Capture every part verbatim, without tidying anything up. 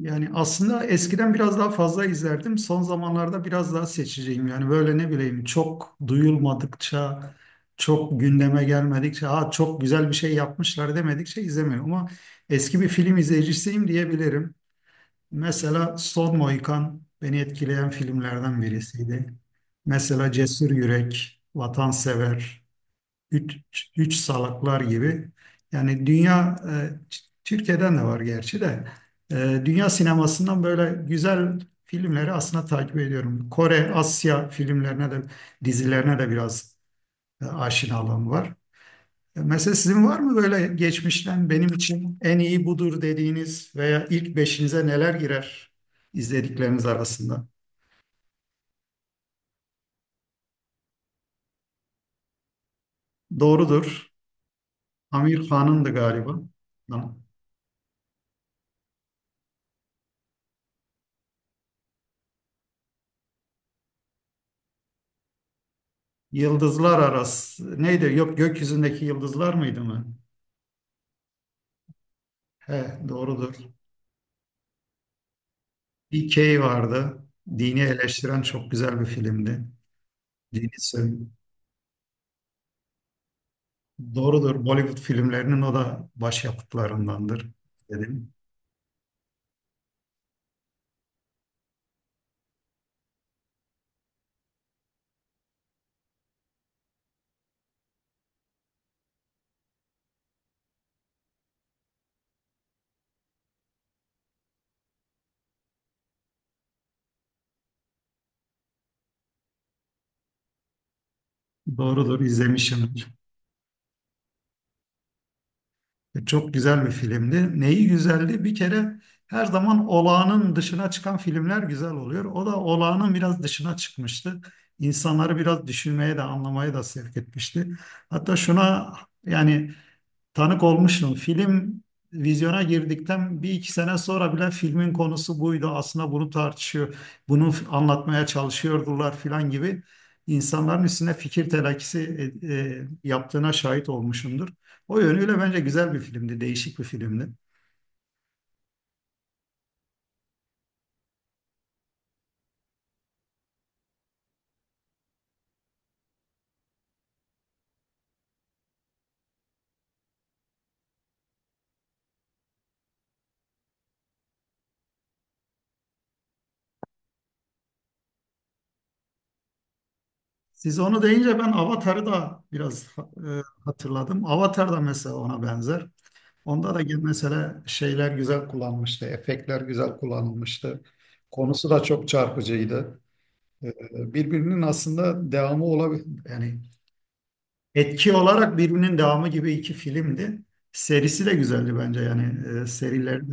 Yani aslında eskiden biraz daha fazla izlerdim. Son zamanlarda biraz daha seçeceğim. Yani böyle ne bileyim, çok duyulmadıkça, çok gündeme gelmedikçe, ha çok güzel bir şey yapmışlar demedikçe izlemiyorum. Ama eski bir film izleyicisiyim diyebilirim. Mesela Son Mohikan beni etkileyen filmlerden birisiydi. Mesela Cesur Yürek, Vatansever, üç, üç salaklar gibi. Yani dünya, e, Türkiye'den de var gerçi de, e, dünya sinemasından böyle güzel filmleri aslında takip ediyorum. Kore, Asya filmlerine de, dizilerine de biraz e, aşinalığım var. E, Mesela sizin var mı böyle geçmişten benim için en iyi budur dediğiniz veya ilk beşinize neler girer izledikleriniz arasında? Doğrudur. Amir Khan'ındı galiba. Tamam. Yıldızlar arası. Neydi? Yok, gökyüzündeki yıldızlar mıydı mı? He, doğrudur. Bir Key vardı. Dini eleştiren çok güzel bir filmdi. Dini söv- Doğrudur. Bollywood filmlerinin o da başyapıtlarındandır dedim. Doğrudur, izlemişim. Çok güzel bir filmdi. Neyi güzeldi? Bir kere her zaman olağanın dışına çıkan filmler güzel oluyor. O da olağanın biraz dışına çıkmıştı. İnsanları biraz düşünmeye de anlamaya da sevk etmişti. Hatta şuna, yani tanık olmuştum. Film vizyona girdikten bir iki sene sonra bile filmin konusu buydu. Aslında bunu tartışıyor, bunu f- anlatmaya çalışıyordular filan gibi insanların üstüne fikir telakisi e, e, yaptığına şahit olmuşumdur. O yönüyle bence güzel bir filmdi, değişik bir filmdi. Siz onu deyince ben Avatar'ı da biraz e, hatırladım. Avatar da mesela ona benzer. Onda da gene mesela şeyler güzel kullanmıştı, efektler güzel kullanılmıştı. Konusu da çok çarpıcıydı. E, birbirinin aslında devamı olabilir. Yani etki olarak birbirinin devamı gibi iki filmdi. Serisi de güzeldi bence, yani e, serileri.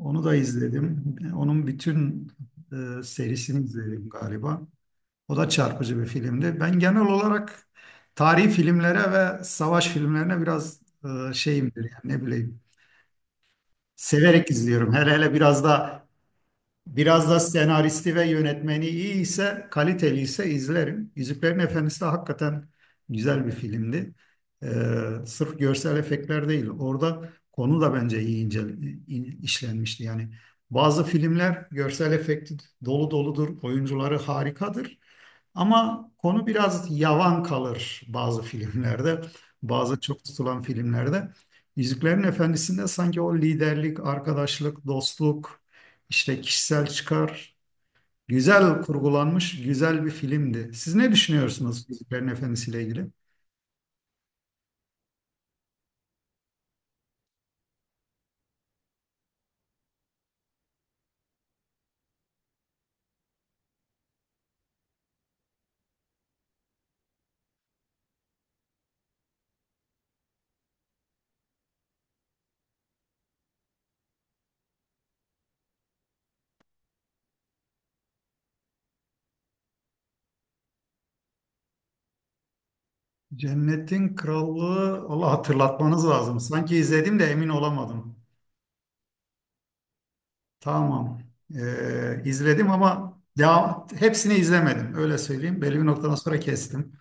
Onu da izledim. Onun bütün e, serisini izledim galiba. O da çarpıcı bir filmdi. Ben genel olarak tarihi filmlere ve savaş filmlerine biraz e, şeyimdir, yani ne bileyim. Severek izliyorum. Hele hele biraz da biraz da senaristi ve yönetmeni iyi ise, kaliteli ise izlerim. Yüzüklerin Efendisi de hakikaten güzel bir filmdi. Ee, Sırf görsel efektler değil, orada konu da bence iyi ince, in- işlenmişti. Yani bazı filmler görsel efekti dolu doludur, oyuncuları harikadır. Ama konu biraz yavan kalır bazı filmlerde, bazı çok tutulan filmlerde. Yüzüklerin Efendisi'nde sanki o liderlik, arkadaşlık, dostluk, işte kişisel çıkar, güzel kurgulanmış, güzel bir filmdi. Siz ne düşünüyorsunuz Yüzüklerin Efendisi ile ilgili? Cennetin Krallığı, Allah hatırlatmanız lazım. Sanki izledim de emin olamadım. Tamam. Ee, izledim ama devam, hepsini izlemedim. Öyle söyleyeyim. Belli bir noktadan sonra kestim.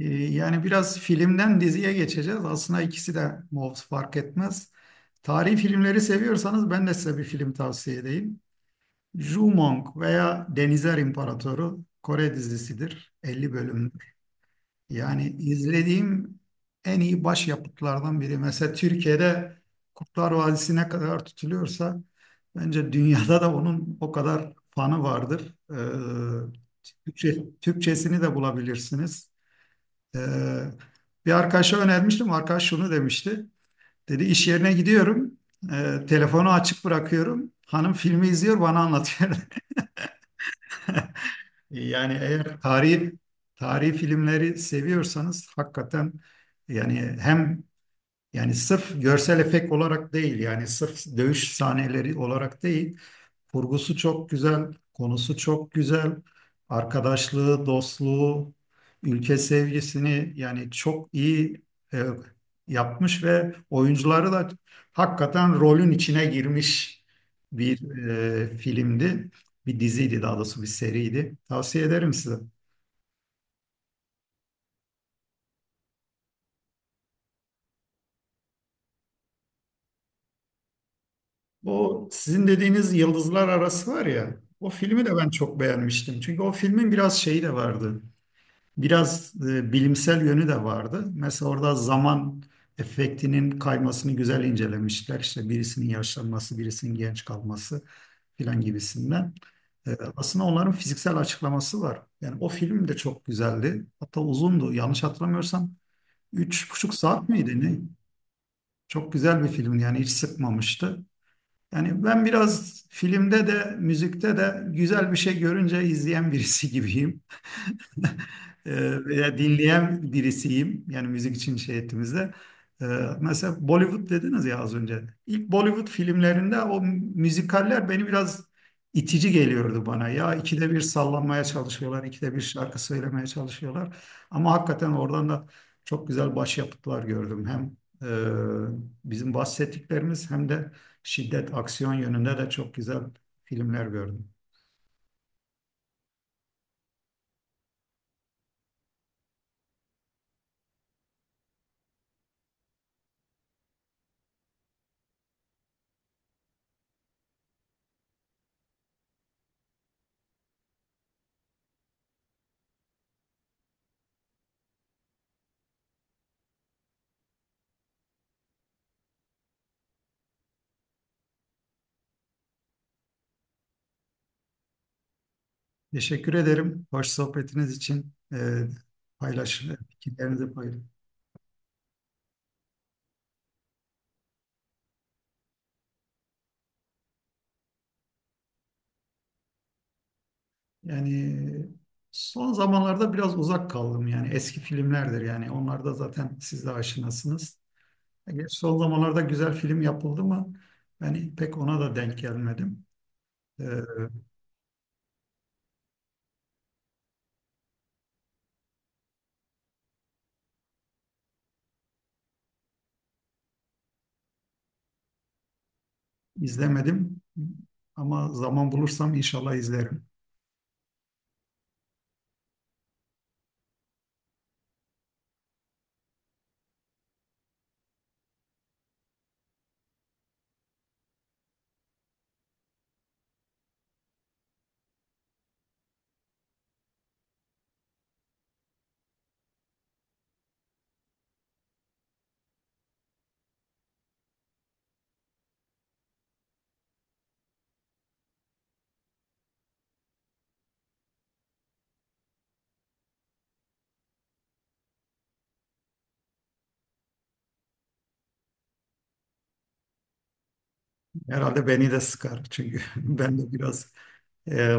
Ee, yani biraz filmden diziye geçeceğiz. Aslında ikisi de mov fark etmez. Tarihi filmleri seviyorsanız ben de size bir film tavsiye edeyim. Jumong veya Denizler İmparatoru Kore dizisidir. elli bölümdür. Yani izlediğim en iyi başyapıtlardan biri. Mesela Türkiye'de Kurtlar Vadisi ne kadar tutuluyorsa bence dünyada da onun o kadar fanı vardır. Ee, Türkçe, Türkçesini de bulabilirsiniz. Ee, Bir arkadaşa önermiştim. Arkadaş şunu demişti. Dedi iş yerine gidiyorum. Ee, telefonu açık bırakıyorum. Hanım filmi izliyor bana anlatıyor. Yani eğer tarihi tarihi filmleri seviyorsanız hakikaten, yani hem, yani sırf görsel efekt olarak değil, yani sırf dövüş sahneleri olarak değil, kurgusu çok güzel, konusu çok güzel. Arkadaşlığı, dostluğu, ülke sevgisini yani çok iyi e, yapmış ve oyuncuları da hakikaten rolün içine girmiş bir e, filmdi. Bir diziydi, daha doğrusu bir seriydi. Tavsiye ederim size. O sizin dediğiniz Yıldızlar Arası var ya, o filmi de ben çok beğenmiştim. Çünkü o filmin biraz şeyi de vardı. Biraz e, bilimsel yönü de vardı. Mesela orada zaman efektinin kaymasını güzel incelemişler. İşte birisinin yaşlanması, birisinin genç kalması filan gibisinden. E, aslında onların fiziksel açıklaması var. Yani o film de çok güzeldi. Hatta uzundu. Yanlış hatırlamıyorsam üç buçuk saat miydi ne? Çok güzel bir film yani, hiç sıkmamıştı. Yani ben biraz filmde de müzikte de güzel bir şey görünce izleyen birisi gibiyim. Eee, veya dinleyen birisiyim. Yani müzik için şey ettiğimizde. Eee, Mesela Bollywood dediniz ya az önce. İlk Bollywood filmlerinde o müzikaller beni biraz itici geliyordu bana. Ya ikide bir sallanmaya çalışıyorlar, ikide bir şarkı söylemeye çalışıyorlar. Ama hakikaten oradan da çok güzel başyapıtlar gördüm. Hem eee, bizim bahsettiklerimiz hem de şiddet, aksiyon yönünde de çok güzel filmler gördüm. Teşekkür ederim. Hoş sohbetiniz için e, paylaş fikirlerinizi paylaş. Yani son zamanlarda biraz uzak kaldım, yani eski filmlerdir, yani onlar da zaten siz de aşinasınız. Eğer son zamanlarda güzel film yapıldı mı? Ben pek ona da denk gelmedim. E, izlemedim ama zaman bulursam inşallah izlerim. Herhalde beni de sıkar çünkü ben de biraz E,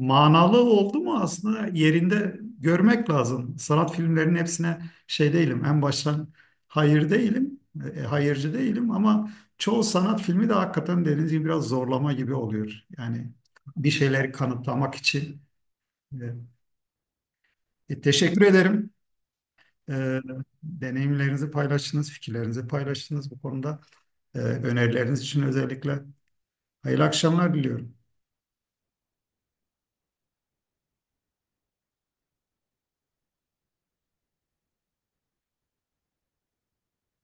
manalı oldu mu, aslında yerinde görmek lazım. Sanat filmlerinin hepsine şey değilim. En baştan hayır değilim, e, hayırcı değilim ama çoğu sanat filmi de hakikaten dediğiniz gibi biraz zorlama gibi oluyor. Yani bir şeyleri kanıtlamak için. E, e, teşekkür ederim. E, Deneyimlerinizi paylaştınız, fikirlerinizi paylaştınız bu konuda. E, önerileriniz için özellikle hayırlı akşamlar diliyorum.